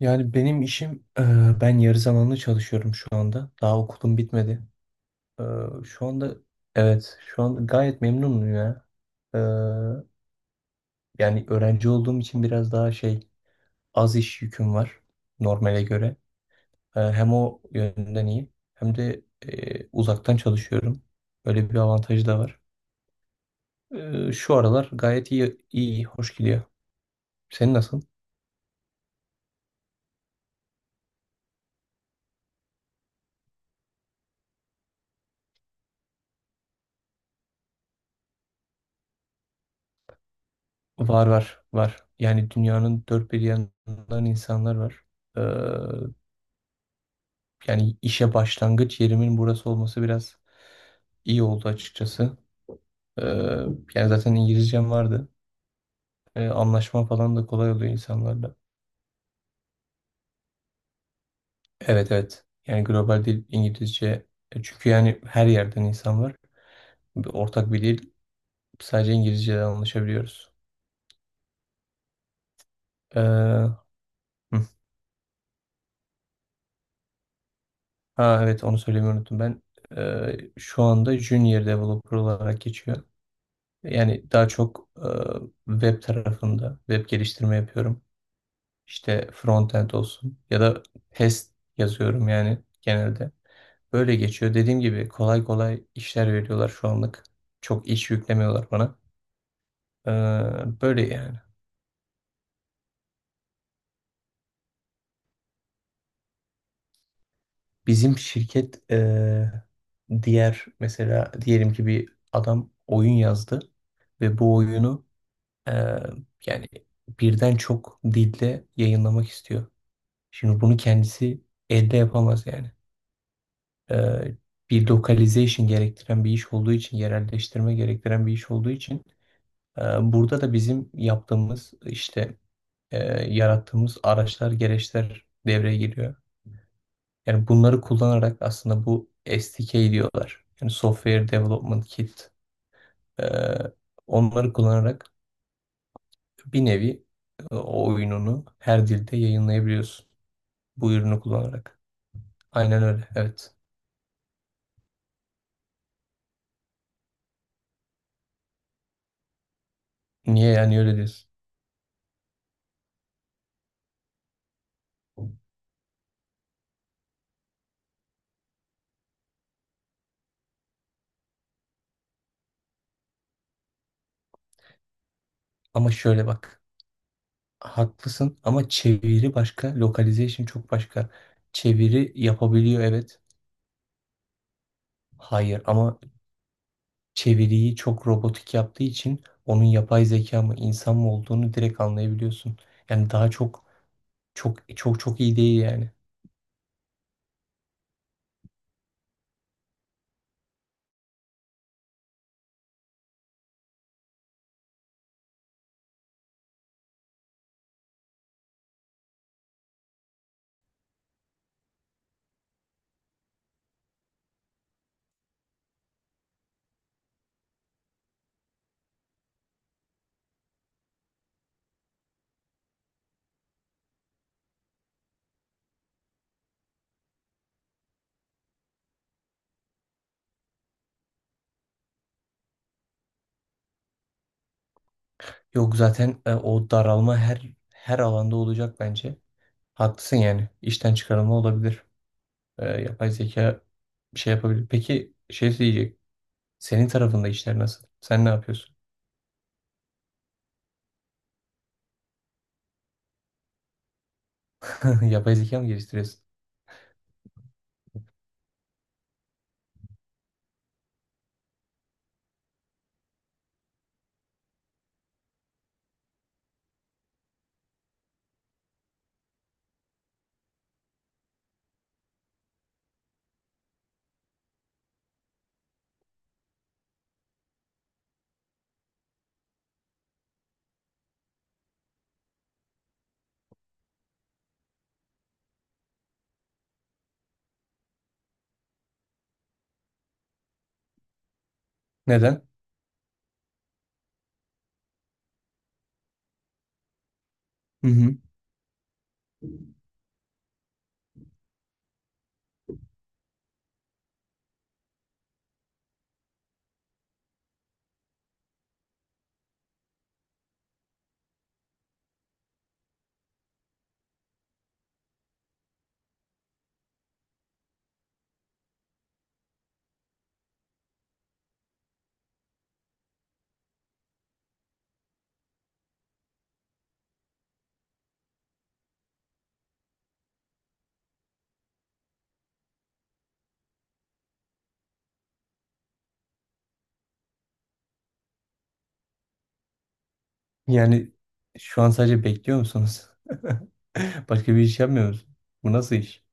Yani benim işim, e, ben yarı zamanlı çalışıyorum şu anda. Daha okulum bitmedi. E, şu anda, evet, şu anda gayet memnunum ya. E, yani öğrenci olduğum için biraz daha az iş yüküm var normale göre. Hem o yönden iyi, hem de uzaktan çalışıyorum. Böyle bir avantajı da var. Şu aralar gayet iyi, iyi, hoş gidiyor. Senin nasıl? Var var var. Yani dünyanın dört bir yanından insanlar var. Yani işe başlangıç yerimin burası olması biraz iyi oldu açıkçası. Ee, yani zaten İngilizcem vardı. Anlaşma falan da kolay oluyor insanlarla. Evet evet. Yani global dil İngilizce. Çünkü yani her yerden insan var. Bir ortak bir dil. Sadece İngilizce'den anlaşabiliyoruz. Hı. Ha evet, onu söylemeyi unuttum. Ben şu anda Junior Developer olarak geçiyor. Yani daha çok web tarafında web geliştirme yapıyorum. İşte frontend olsun ya da test yazıyorum yani genelde. Böyle geçiyor. Dediğim gibi kolay kolay işler veriyorlar şu anlık. Çok iş yüklemiyorlar bana. Ee, böyle yani. Bizim şirket diğer mesela diyelim ki bir adam oyun yazdı ve bu oyunu e, yani birden çok dilde yayınlamak istiyor. Şimdi bunu kendisi elde yapamaz yani. e, Bir localization gerektiren bir iş olduğu için, yerelleştirme gerektiren bir iş olduğu için e, burada da bizim yaptığımız işte e, yarattığımız araçlar, gereçler devreye giriyor. Yani bunları kullanarak aslında bu SDK diyorlar. Yani Software Development Kit. E, onları kullanarak bir nevi o oyununu her dilde yayınlayabiliyorsun. Bu ürünü kullanarak. Aynen öyle. Evet. Niye yani öyle diyorsun? Ama şöyle bak. Haklısın ama çeviri başka, localization çok başka. Çeviri yapabiliyor evet. Hayır ama çeviriyi çok robotik yaptığı için onun yapay zeka mı insan mı olduğunu direkt anlayabiliyorsun. Yani daha çok çok iyi değil yani. Yok zaten o daralma her alanda olacak bence. Haklısın yani. İşten çıkarılma olabilir. Yapay zeka bir şey yapabilir. Peki şey diyecek. Senin tarafında işler nasıl? Sen ne yapıyorsun? Yapay zeka mı geliştiriyorsun? Neden? Hı hı. Yani şu an sadece bekliyor musunuz? Başka bir iş yapmıyor musun? Bu nasıl iş?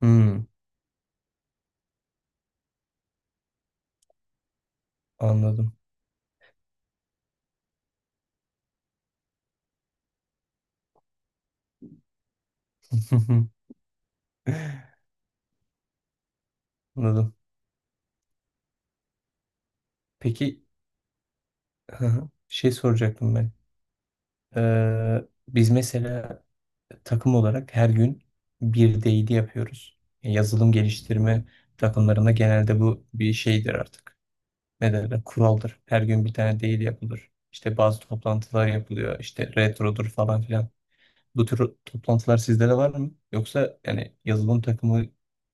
Hmm, anladım. Anladım. Peki, hı hı. Şey soracaktım ben. Biz mesela takım olarak her gün bir değili yapıyoruz. Yazılım geliştirme takımlarında genelde bu bir şeydir artık. Ne derler, kuraldır. Her gün bir tane değil yapılır. İşte bazı toplantılar yapılıyor. İşte retrodur falan filan. Bu tür toplantılar sizde de var mı? Yoksa yani yazılım takımı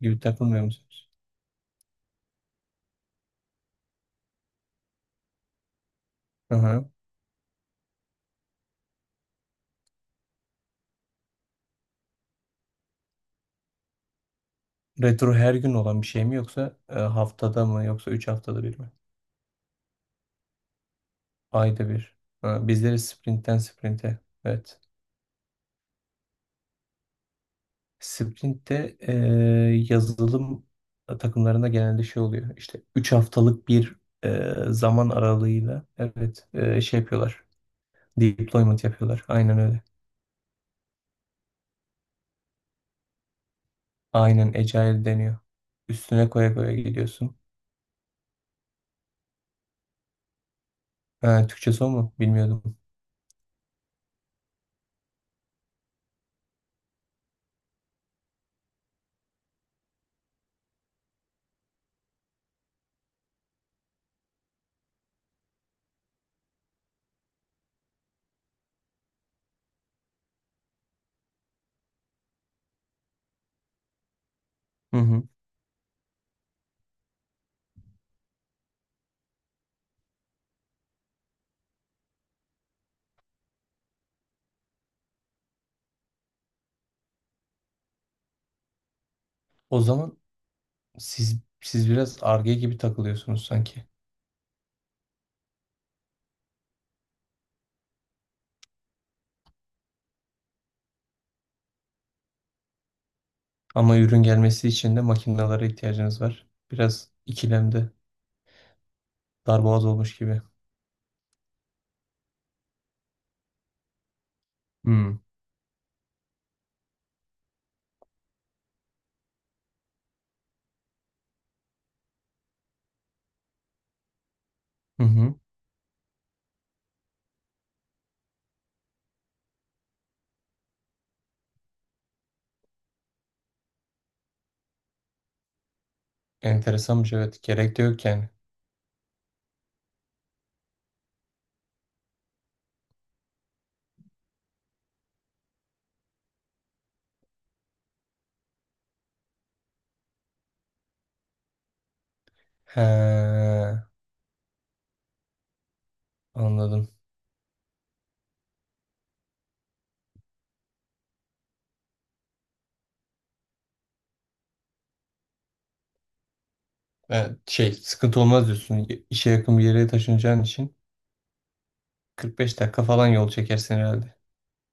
gibi takılmıyor musunuz? Hı hı. Retro her gün olan bir şey mi yoksa haftada mı yoksa 3 haftada bir mi? Ayda bir. Ha, bizleri sprintten sprinte. Evet. Sprintte yazılım takımlarında genelde şey oluyor. İşte 3 haftalık bir zaman aralığıyla evet şey yapıyorlar. Deployment yapıyorlar. Aynen öyle. Aynen Agile deniyor. Üstüne koya koya gidiyorsun. Ha, Türkçesi o mu? Bilmiyordum. Hı hı. O zaman siz biraz ar gibi takılıyorsunuz sanki. Ama ürün gelmesi için de makinelere ihtiyacınız var. Biraz ikilemde darboğaz olmuş gibi. Hmm. Hı hı. Enteresanmış evet. Gerek de yok yani. He, anladım. Evet, şey sıkıntı olmaz diyorsun. İşe yakın bir yere taşınacağın için 45 dakika falan yol çekersin herhalde.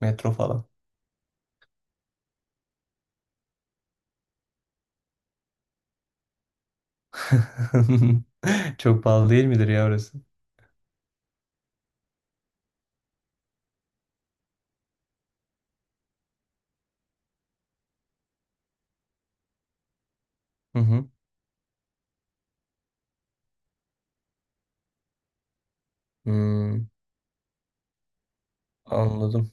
Metro falan. Çok pahalı değil midir ya orası? Hı hı. Hmm, anladım.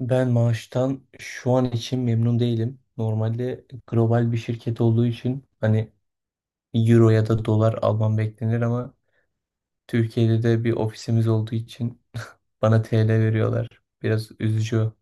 Ben maaştan şu an için memnun değilim. Normalde global bir şirket olduğu için hani euro ya da dolar almam beklenir ama Türkiye'de de bir ofisimiz olduğu için bana TL veriyorlar. Biraz üzücü.